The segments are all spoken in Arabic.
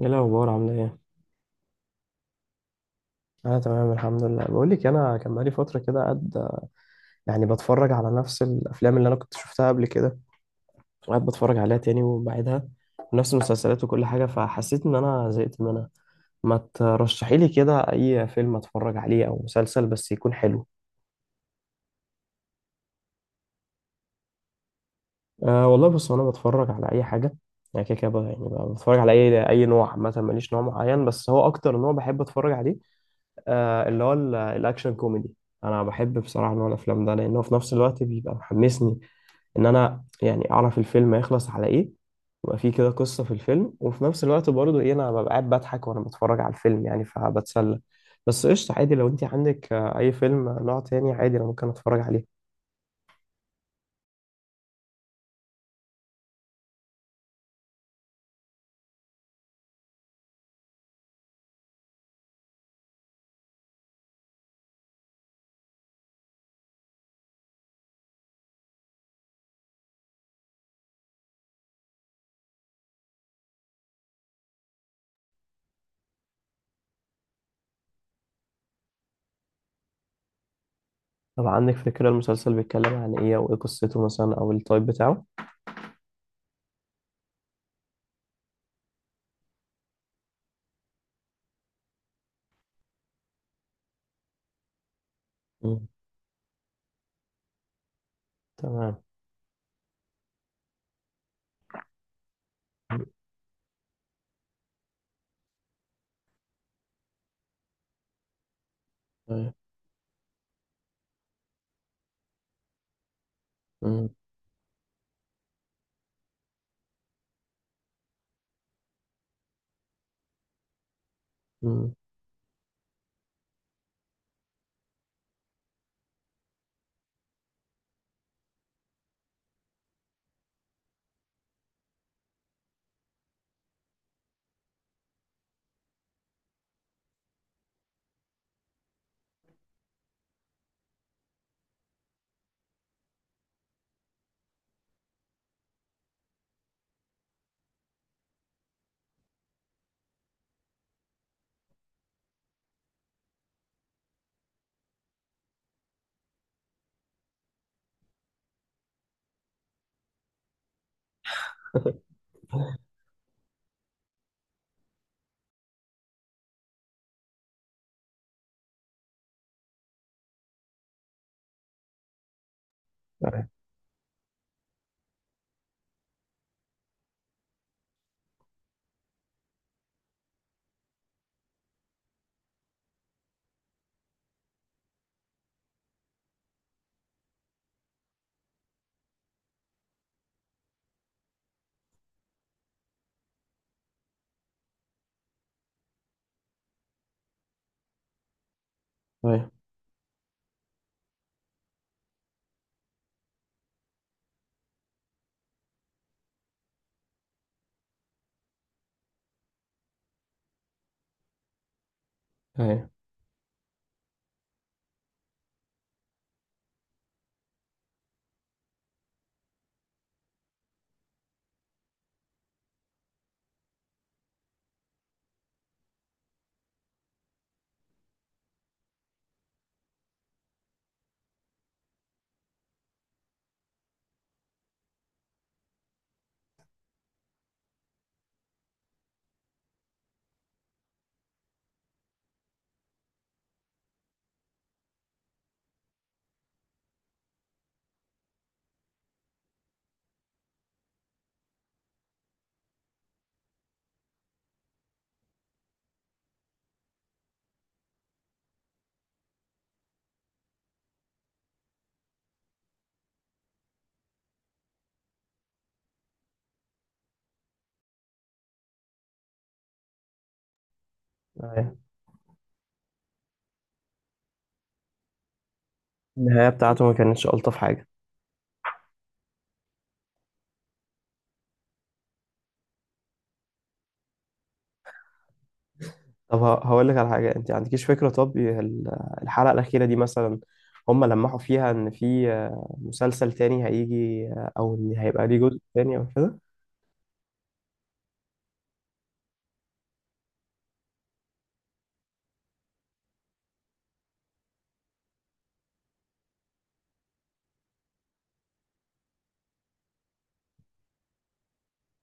ايه الاخبار؟ عامله ايه؟ انا تمام الحمد لله. بقول لك انا كان بقالي فتره كده قاعد يعني بتفرج على نفس الافلام اللي انا كنت شفتها قبل كده، قاعد بتفرج عليها تاني وبعيدها، ونفس المسلسلات وكل حاجه، فحسيت ان انا زهقت منها. ما ترشحي لي كده اي فيلم اتفرج عليه او مسلسل بس يكون حلو. أه والله بص انا بتفرج على اي حاجه، يعني كده كده بقى بتفرج على اي نوع، عامه ماليش نوع معين. بس هو اكتر نوع بحب اتفرج عليه اللي هو الاكشن كوميدي. انا بحب بصراحه نوع الافلام ده لانه في نفس الوقت بيبقى محمسني ان انا يعني اعرف الفيلم هيخلص على ايه، يبقى فيه كده قصه في الفيلم، وفي نفس الوقت برضه ايه انا ببقى قاعد بضحك وانا بتفرج على الفيلم، يعني فبتسلى. بس قشطه، عادي لو انت عندك اي فيلم نوع تاني عادي انا ممكن اتفرج عليه. طب عندك فكره المسلسل بيتكلم عن ايه، او ايه قصته مثلا، او التايب بتاعه؟ مم. تمام. ايوه. مم. مم. ايوه. ايوه. ايوه. أيوة. النهايه بتاعته ما كانتش الطف حاجه. طب هقول لك على حاجة، انت عندكيش فكرة طب الحلقة الأخيرة دي مثلا هم لمحوا فيها ان في مسلسل تاني هيجي او ان هيبقى ليه جزء تاني او كده؟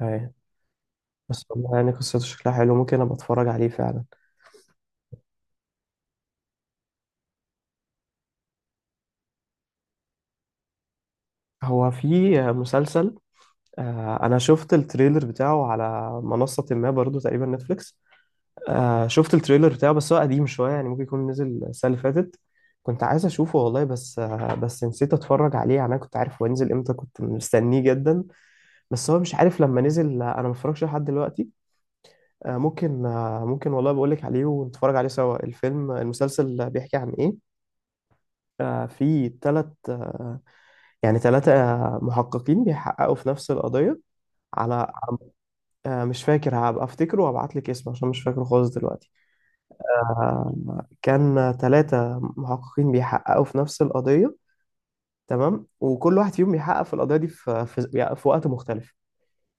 ايوه، بس والله يعني قصته شكلها حلو، ممكن ابقى اتفرج عليه فعلا. هو في مسلسل، انا شفت التريلر بتاعه على منصة ما برضو تقريبا نتفليكس. شفت التريلر بتاعه بس هو قديم شوية، يعني ممكن يكون نزل السنة اللي فاتت. كنت عايز اشوفه والله، بس نسيت اتفرج عليه، يعني انا كنت عارف هو ينزل امتى، كنت مستنيه جدا. بس هو مش عارف، لما نزل انا ما اتفرجش لحد دلوقتي. ممكن والله بقول لك عليه ونتفرج عليه سوا. الفيلم المسلسل بيحكي عن ايه؟ آه، في ثلاث يعني ثلاثة محققين بيحققوا في نفس القضية، على مش فاكر، هبقى افتكره وابعت لك اسمه عشان مش فاكره خالص دلوقتي. كان ثلاثة محققين بيحققوا في نفس القضية، تمام، وكل واحد فيهم بيحقق في القضية دي في وقت مختلف.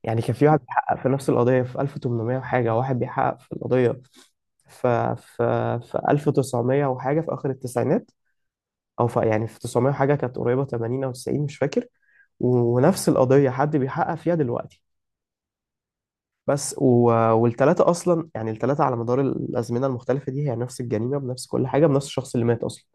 يعني كان في واحد بيحقق في نفس القضية في 1800 وحاجة، واحد بيحقق في القضية ف في في 1900 وحاجة في آخر التسعينات. أو في يعني في 900 وحاجة، كانت قريبة 80 أو 90، مش فاكر. ونفس القضية حد بيحقق فيها دلوقتي. بس والتلاتة أصلا، يعني التلاتة على مدار الأزمنة المختلفة دي هي نفس الجريمة بنفس كل حاجة، بنفس الشخص اللي مات أصلا.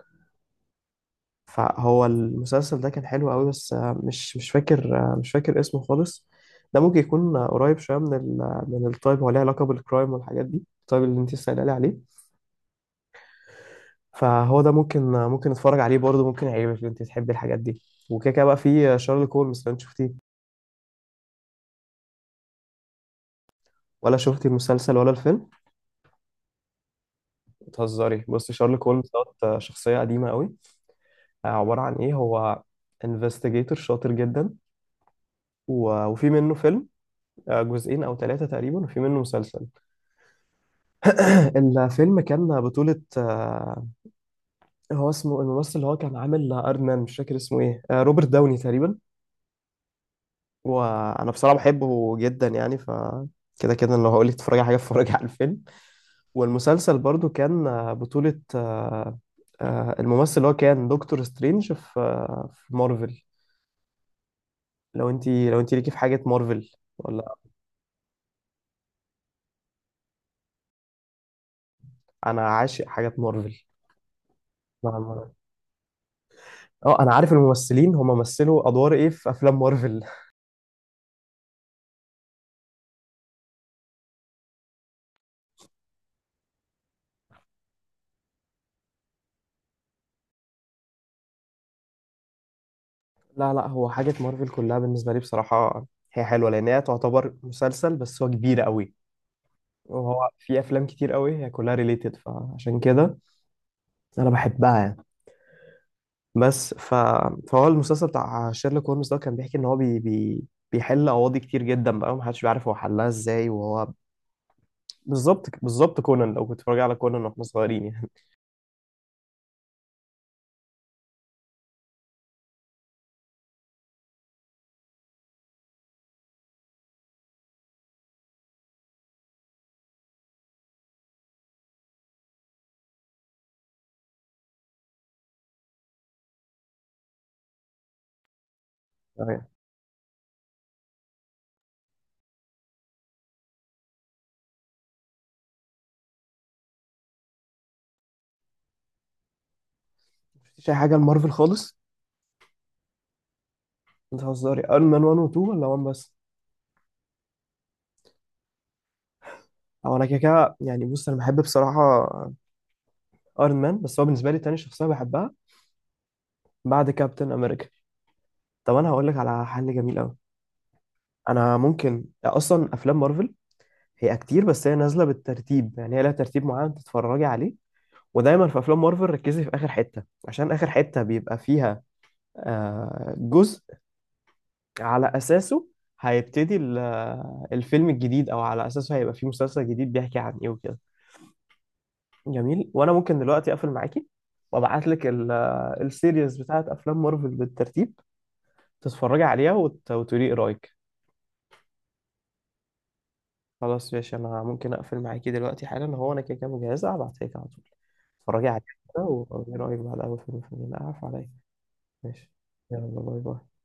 فهو المسلسل ده كان حلو قوي، بس مش فاكر، اسمه خالص. ده ممكن يكون قريب شويه من ال من التايب، هو ليه علاقه بالكرايم والحاجات دي، التايب اللي انت سائله لي عليه. فهو ده ممكن نتفرج عليه برضه، ممكن يعجبك لو انت تحبي الحاجات دي. وكده كده بقى في شارلوك هولمز، لو انت شفتيه، ولا شفتي المسلسل ولا الفيلم؟ بتهزري. بصي شارلوك هولمز دوت، شخصيه قديمه قوي. عباره عن ايه هو؟ انفستيجيتور شاطر جدا، وفي منه فيلم، جزئين او ثلاثه تقريبا، وفي منه مسلسل. الفيلم كان بطولة هو اسمه الممثل اللي هو كان عامل ايرون مان، مش فاكر اسمه ايه، روبرت داوني تقريبا. وانا بصراحة بحبه جدا يعني، كده كده لو هقول لك تتفرجي على حاجة، اتفرجي على الفيلم. والمسلسل برضو كان بطولة الممثل اللي هو كان دكتور سترينج في مارفل. لو انت ليكي في حاجة مارفل، ولا؟ انا عاشق حاجات مارفل. نعم. اه انا عارف الممثلين هم مثلوا ادوار ايه في افلام مارفل. لا لا، هو حاجة مارفل كلها بالنسبة لي بصراحة هي حلوة، لأن هي تعتبر مسلسل بس هو كبير قوي، وهو في أفلام كتير قوي هي كلها ريليتد فعشان كده أنا بحبها يعني. بس ف... فهو المسلسل بتاع شيرلوك هولمز ده كان بيحكي إن هو بيحل قواضي كتير جدا بقى، ومحدش بيعرف هو حلها إزاي. وهو بالظبط بالظبط كونان، لو كنت بتتفرج على كونان وإحنا صغيرين يعني. مفيش أي حاجة لمارفل خالص. أنت بتهزري. أيرون مان 1 و 2 ولا 1 بس؟ هو أنا كده كده يعني، بص أنا بحب بصراحة ايرون مان، بس هو بالنسبه لي تاني شخصيه بحبها بعد كابتن امريكا. طب انا هقول لك على حل جميل قوي. انا ممكن اصلا افلام مارفل هي كتير، بس هي نازله بالترتيب، يعني هي لها ترتيب معين تتفرجي عليه. ودايما في افلام مارفل ركزي في اخر حته، عشان اخر حته بيبقى فيها جزء على اساسه هيبتدي الفيلم الجديد، او على اساسه هيبقى فيه مسلسل جديد بيحكي عن ايه وكده. جميل. وانا ممكن دلوقتي اقفل معاكي وابعت لك السيريز بتاعت افلام مارفل بالترتيب تتفرجي عليها، وتقولي ايه رايك. خلاص ماشي، انا ممكن اقفل معاكي دلوقتي حالا، هو انا كده كده مجهزه، هبعتها لك على طول اتفرجي عليها. كده وايه رايك بعد اول فيلم، اعرف عليا. ماشي. يلا باي باي.